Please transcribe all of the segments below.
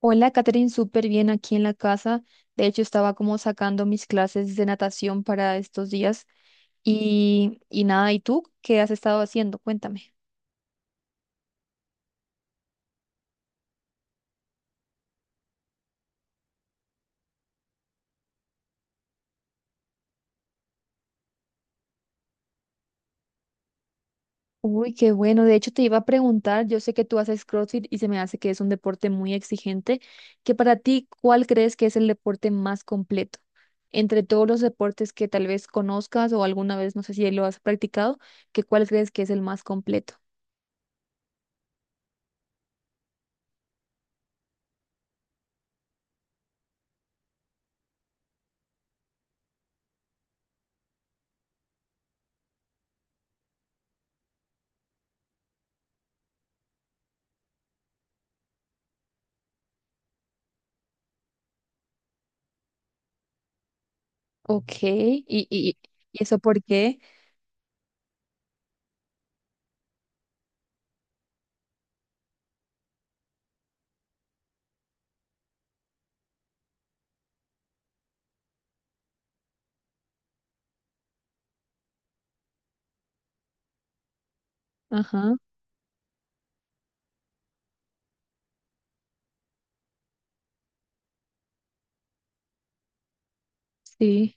Hola, Catherine, súper bien aquí en la casa. De hecho, estaba como sacando mis clases de natación para estos días. Y nada, ¿y tú qué has estado haciendo? Cuéntame. Uy, qué bueno. De hecho, te iba a preguntar, yo sé que tú haces CrossFit y se me hace que es un deporte muy exigente, que para ti, ¿cuál crees que es el deporte más completo? Entre todos los deportes que tal vez conozcas o alguna vez, no sé si lo has practicado, que ¿cuál crees que es el más completo? Ok, ¿y eso por qué? Ajá. Sí,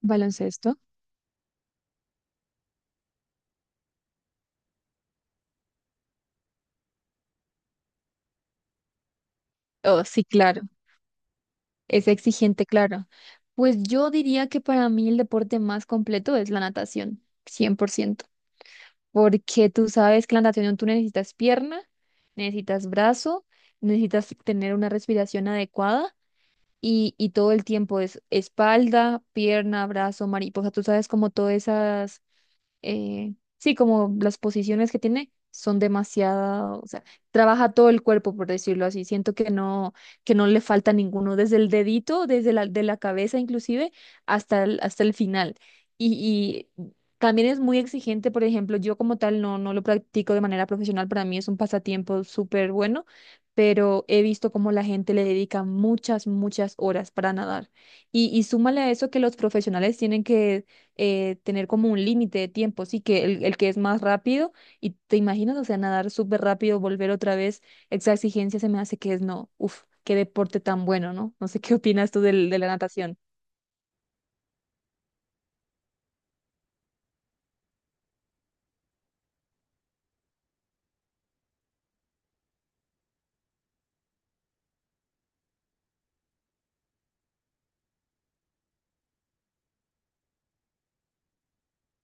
baloncesto. Oh, sí, claro. Es exigente, claro. Pues yo diría que para mí el deporte más completo es la natación, 100%, porque tú sabes que la natación tú necesitas pierna, necesitas brazo, necesitas tener una respiración adecuada y todo el tiempo es espalda, pierna, brazo, mariposa, tú sabes como todas esas sí, como las posiciones que tiene son demasiado, o sea, trabaja todo el cuerpo, por decirlo así. Siento que no le falta ninguno, desde el dedito, desde de la cabeza inclusive, hasta hasta el final. Y también es muy exigente, por ejemplo, yo como tal no, no lo practico de manera profesional, para mí es un pasatiempo súper bueno, pero he visto cómo la gente le dedica muchas, muchas horas para nadar. Y súmale a eso que los profesionales tienen que tener como un límite de tiempo, sí, que el que es más rápido, y te imaginas, o sea, nadar súper rápido, volver otra vez, esa exigencia se me hace que es no, uf, qué deporte tan bueno, ¿no? No sé qué opinas tú del, de la natación.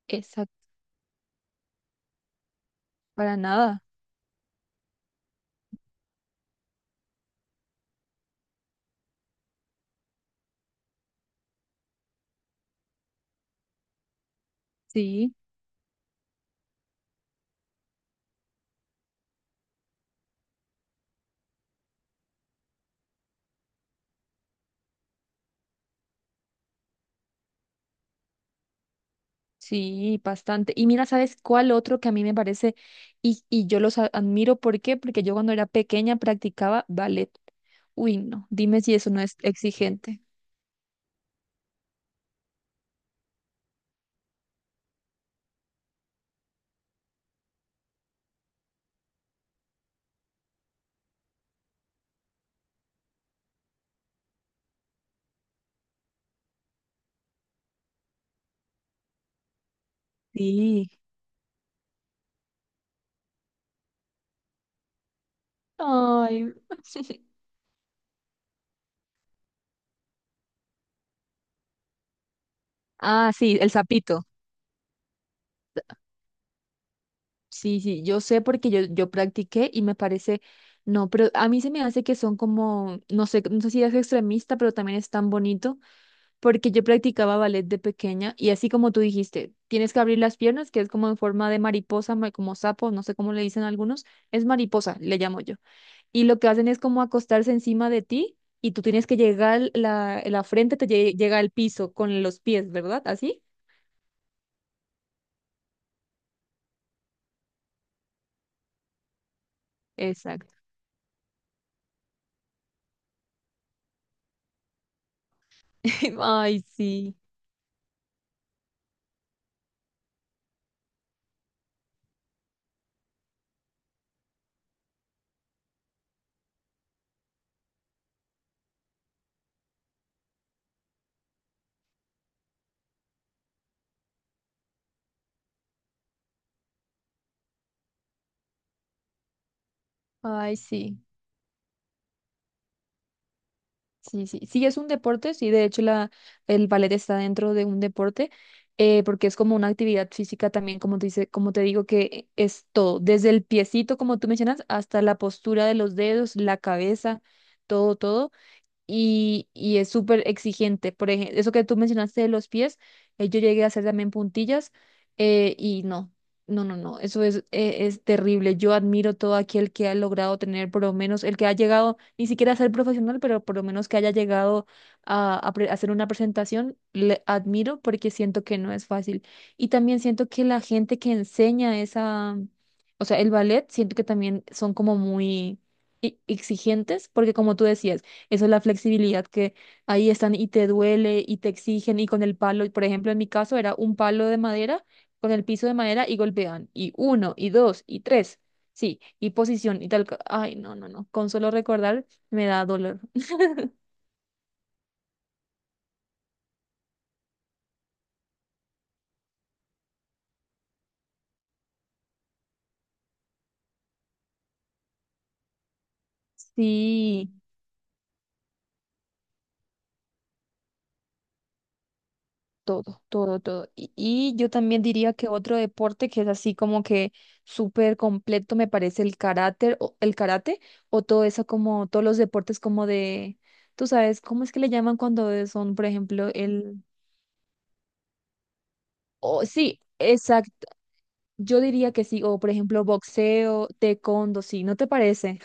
Exacto, para nada, sí, sí, bastante. Y mira, ¿sabes cuál otro que a mí me parece, y yo los admiro?, ¿por qué? Porque yo cuando era pequeña practicaba ballet. Uy, no, dime si eso no es exigente. Sí. Ay. Ah, sí, el sapito. Sí, sí, yo sé porque yo practiqué y me parece, no, pero a mí se me hace que son como, no sé, no sé si es extremista, pero también es tan bonito, porque yo practicaba ballet de pequeña y así como tú dijiste, tienes que abrir las piernas, que es como en forma de mariposa, como sapo, no sé cómo le dicen algunos, es mariposa, le llamo yo. Y lo que hacen es como acostarse encima de ti y tú tienes que llegar, la frente te llega al piso con los pies, ¿verdad? ¿Así? Exacto. Ay, sí, ay, sí. Sí, sí, sí, es un deporte, sí, de hecho el ballet está dentro de un deporte, porque es como una actividad física también, como te dice, como te digo, que es todo, desde el piecito, como tú mencionas, hasta la postura de los dedos, la cabeza, todo, todo y es súper exigente. Por ejemplo, eso que tú mencionaste de los pies, yo llegué a hacer también puntillas y no, no, no, no, eso es terrible. Yo admiro todo aquel que ha logrado tener, por lo menos, el que ha llegado, ni siquiera a ser profesional, pero por lo menos que haya llegado a hacer una presentación, le admiro porque siento que no es fácil. Y también siento que la gente que enseña esa, o sea, el ballet, siento que también son como muy... exigentes, porque como tú decías, eso es la flexibilidad que ahí están y te duele y te exigen y con el palo, y por ejemplo, en mi caso era un palo de madera con el piso de madera y golpean y uno y dos y tres. Sí, y posición y tal. Ay, no, no, no. Con solo recordar me da dolor. Sí. Todo, todo, todo. Y yo también diría que otro deporte que es así como que súper completo me parece el karate, o el karate o todo eso como todos los deportes como de, tú sabes, ¿cómo es que le llaman cuando son, por ejemplo, el... o sí, exacto. Yo diría que sí, o por ejemplo boxeo, taekwondo, sí, ¿no te parece?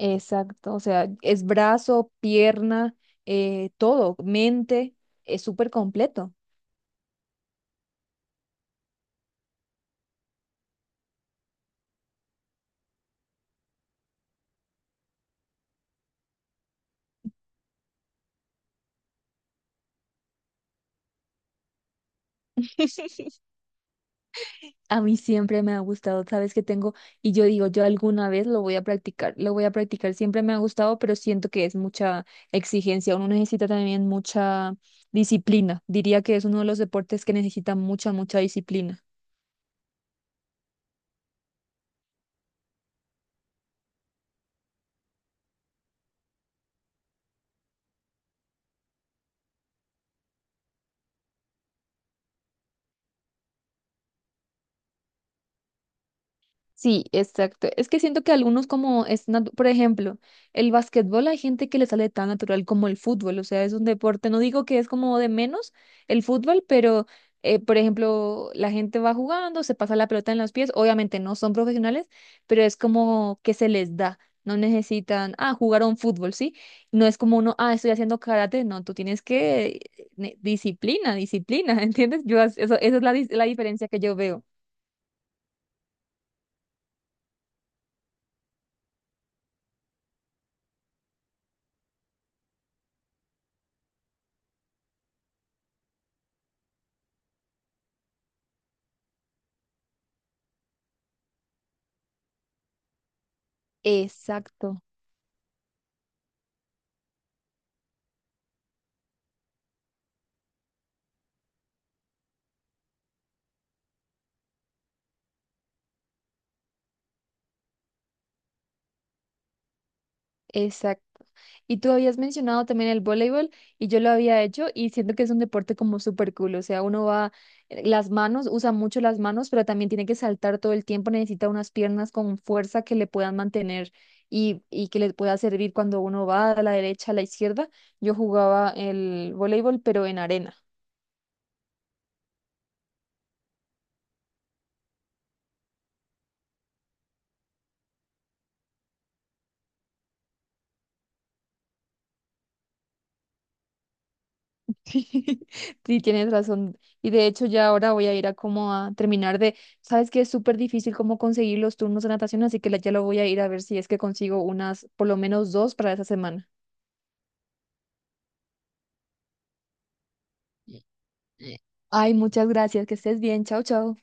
Exacto, o sea, es brazo, pierna, todo, mente, es súper completo. A mí siempre me ha gustado, sabes que tengo, y yo digo, yo alguna vez lo voy a practicar, lo voy a practicar, siempre me ha gustado, pero siento que es mucha exigencia, uno necesita también mucha disciplina, diría que es uno de los deportes que necesita mucha, mucha disciplina. Sí, exacto. Es que siento que algunos como es, por ejemplo, el básquetbol hay gente que le sale tan natural como el fútbol, o sea, es un deporte, no digo que es como de menos el fútbol, pero por ejemplo, la gente va jugando, se pasa la pelota en los pies, obviamente no son profesionales, pero es como que se les da, no necesitan, ah, jugaron fútbol, ¿sí? No es como uno, ah, estoy haciendo karate, no, tú tienes que disciplina, disciplina, ¿entiendes? Eso, esa es la, la diferencia que yo veo. Exacto. Exacto. Y tú habías mencionado también el voleibol y yo lo había hecho y siento que es un deporte como súper cool, o sea, uno va, las manos, usa mucho las manos, pero también tiene que saltar todo el tiempo, necesita unas piernas con fuerza que le puedan mantener y que le pueda servir cuando uno va a la derecha, a la izquierda. Yo jugaba el voleibol, pero en arena. Sí, sí, tienes razón. Y de hecho ya ahora voy a ir a como a terminar de, sabes que es súper difícil como conseguir los turnos de natación, así que ya lo voy a ir a ver si es que consigo unas, por lo menos dos para esa semana. Eh, eh. Ay, muchas gracias, que estés bien, chao, chao.